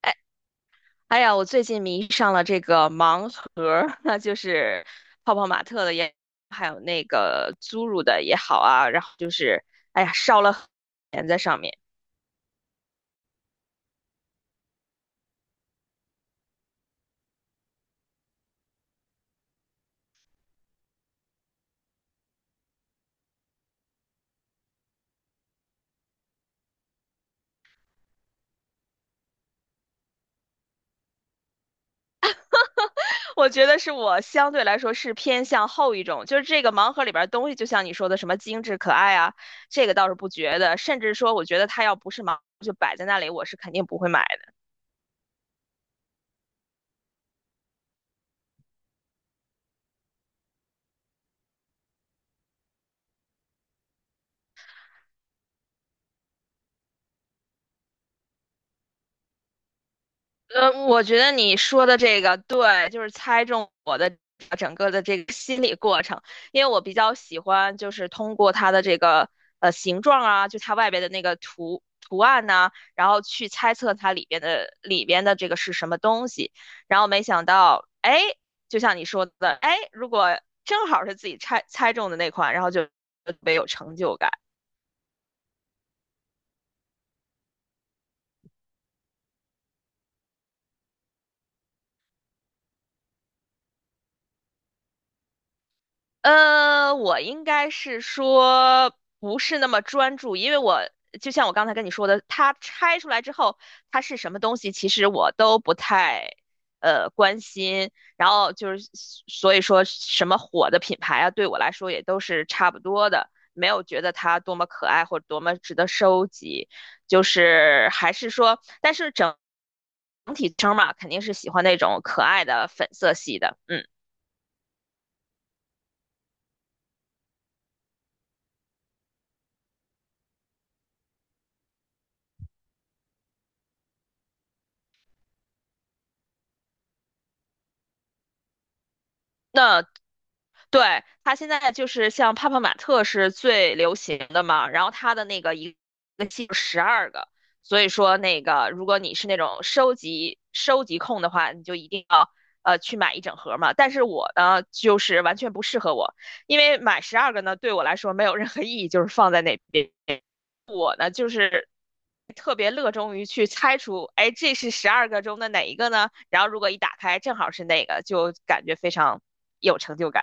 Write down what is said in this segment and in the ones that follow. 哎，哎呀，我最近迷上了这个盲盒儿，那就是泡泡玛特的也，还有那个侏儒的也好啊，然后就是哎呀，烧了钱在上面。我觉得是我相对来说是偏向后一种，就是这个盲盒里边儿东西，就像你说的什么精致可爱啊，这个倒是不觉得，甚至说我觉得它要不是盲盒就摆在那里，我是肯定不会买。我觉得你说的这个对，就是猜中我的整个的这个心理过程，因为我比较喜欢就是通过它的这个形状啊，就它外边的那个图图案呐、然后去猜测它里边的这个是什么东西，然后没想到，哎，就像你说的，哎，如果正好是自己猜中的那款，然后就特别有成就感。我应该是说不是那么专注，因为我就像我刚才跟你说的，它拆出来之后，它是什么东西，其实我都不太关心。然后就是所以说什么火的品牌啊，对我来说也都是差不多的，没有觉得它多么可爱或者多么值得收集。就是还是说，但是整体称嘛，肯定是喜欢那种可爱的粉色系的。嗯，那对，它现在就是像泡泡玛特是最流行的嘛，然后它的那个一个系十二个，所以说那个如果你是那种收集控的话，你就一定要去买一整盒嘛。但是我呢，就是完全不适合我，因为买十二个呢对我来说没有任何意义，就是放在那边。我呢就是特别乐衷于去猜出，哎，这是十二个中的哪一个呢？然后如果一打开正好是那个，就感觉非常有成就感。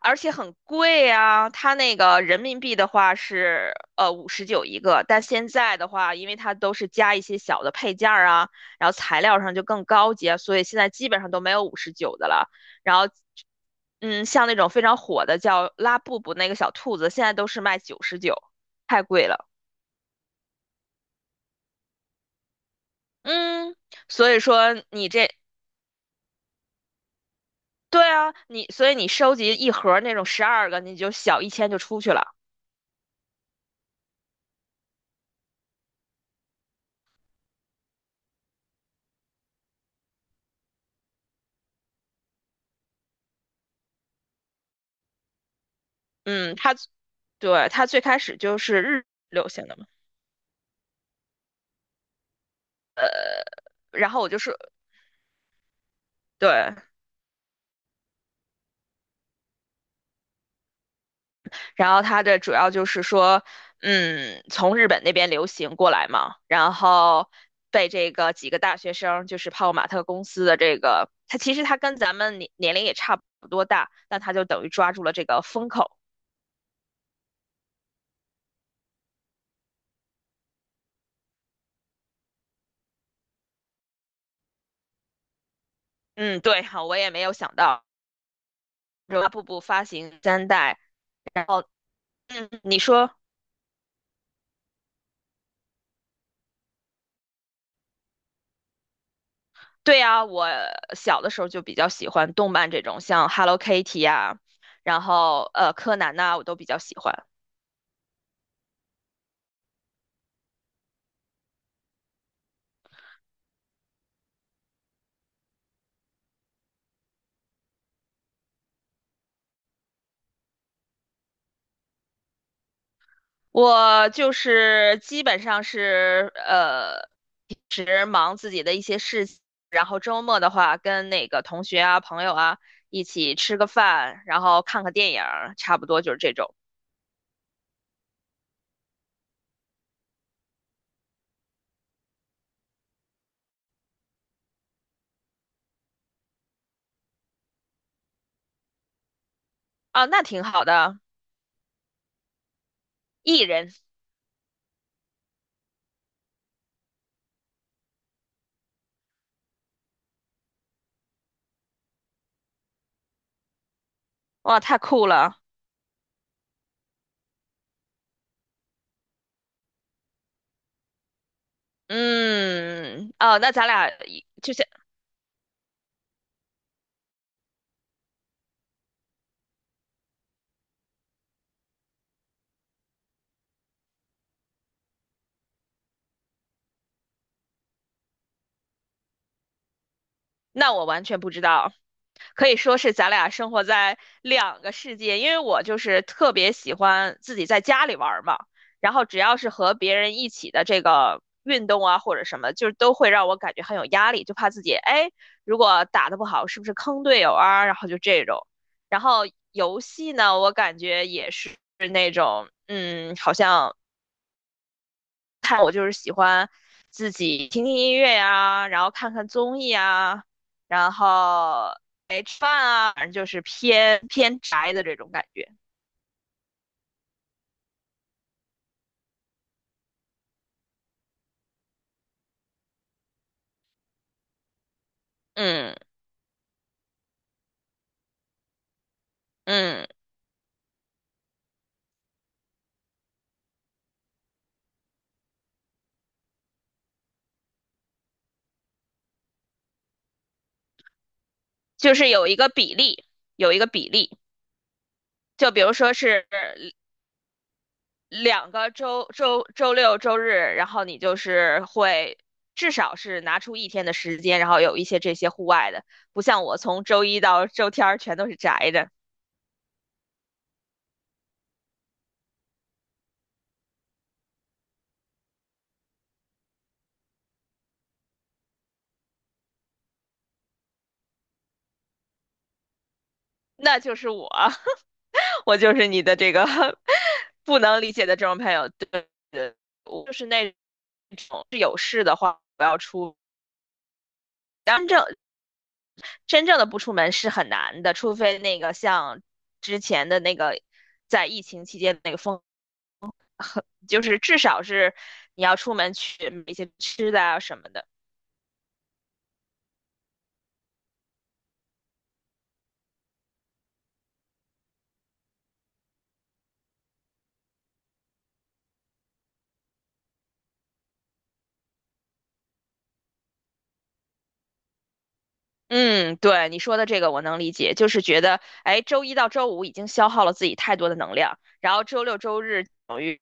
而且很贵啊，它那个人民币的话是五十九一个，但现在的话，因为它都是加一些小的配件儿啊，然后材料上就更高级啊，所以现在基本上都没有五十九的了。然后，嗯，像那种非常火的叫拉布布那个小兔子，现在都是卖99，太贵了。嗯，所以说你这，对啊，你所以你收集一盒儿那种十二个，你就小1000就出去了。嗯，他对他最开始就是日流行的嘛，然后我就是对，然后他的主要就是说，嗯，从日本那边流行过来嘛，然后被这个几个大学生，就是泡泡玛特公司的这个，他其实他跟咱们年龄也差不多大，但他就等于抓住了这个风口。嗯，对，好，我也没有想到，然后步步发行3代，然后嗯，你说。对啊，我小的时候就比较喜欢动漫这种，像 Hello Kitty 呀、然后柯南呐、我都比较喜欢。我就是基本上是平时忙自己的一些事情，然后周末的话跟那个同学啊、朋友啊一起吃个饭，然后看个电影儿，差不多就是这种啊，那挺好的。艺人，哇，太酷了。嗯，哦，那咱俩就像，那我完全不知道。可以说是咱俩生活在两个世界，因为我就是特别喜欢自己在家里玩儿嘛，然后只要是和别人一起的这个运动啊或者什么，就是都会让我感觉很有压力，就怕自己哎，如果打的不好，是不是坑队友啊？然后就这种，然后游戏呢，我感觉也是那种，嗯，好像。自己听听音乐呀，然后看看综艺啊，然后哎吃饭啊，反正就是偏偏宅的这种感觉。嗯嗯，就是有一个比例，有一个比例，就比如说是两个周六周日，然后你就是会。至少是拿出一天的时间，然后有一些这些户外的，不像我从周一到周天儿全都是宅的，那就是我。我就是你的这个 不能理解的这种朋友。对对，我就是那种是有事的话不要出，真正真正的不出门是很难的，除非那个像之前的那个在疫情期间的那个风，就是至少是你要出门去买一些吃的啊什么的。嗯，对，你说的这个我能理解，就是觉得，哎，周一到周五已经消耗了自己太多的能量，然后周六周日等于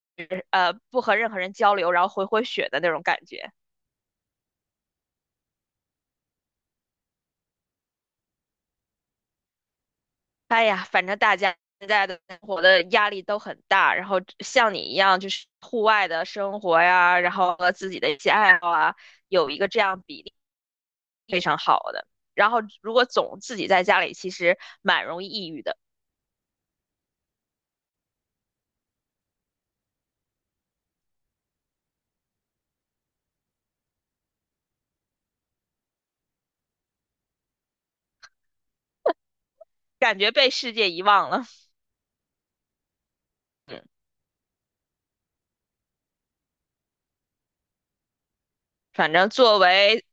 不和任何人交流，然后回血的那种感觉。哎呀，反正大家现在的生活的压力都很大，然后像你一样，就是户外的生活呀，然后和自己的一些爱好啊，有一个这样比例非常好的。然后如果总自己在家里，其实蛮容易抑郁的，感觉被世界遗忘了。嗯，反正作为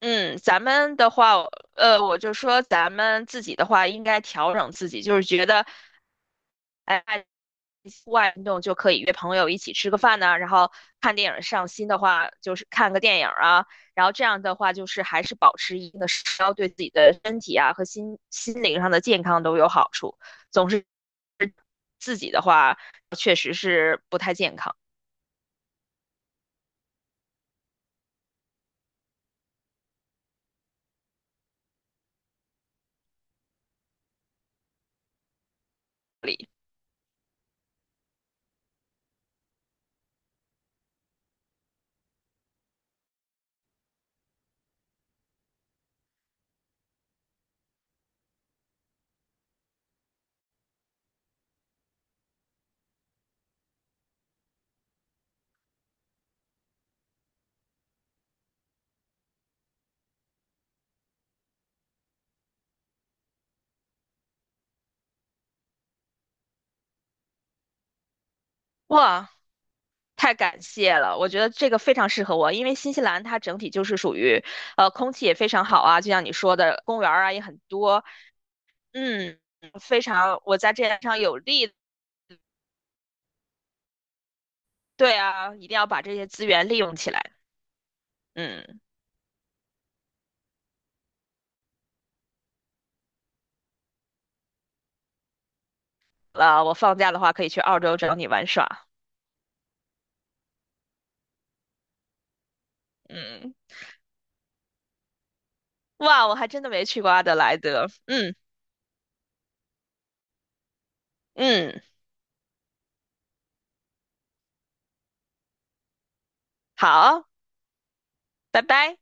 嗯咱们的话，我就说咱们自己的话，应该调整自己，就是觉得。哎，户外运动就可以约朋友一起吃个饭呐、啊然后看电影上新的话就是看个电影啊，然后这样的话就是还是保持一定的社交，对自己的身体啊和心灵上的健康都有好处。总是自己的话，确实是不太健康里。哇，太感谢了，我觉得这个非常适合我，因为新西兰它整体就是属于，空气也非常好啊，就像你说的，公园儿啊也很多，嗯，非常，我在这点上有利对啊，一定要把这些资源利用起来。嗯，啊，我放假的话可以去澳洲找你玩耍。嗯，哇，我还真的没去过阿德莱德。嗯嗯，好，拜拜。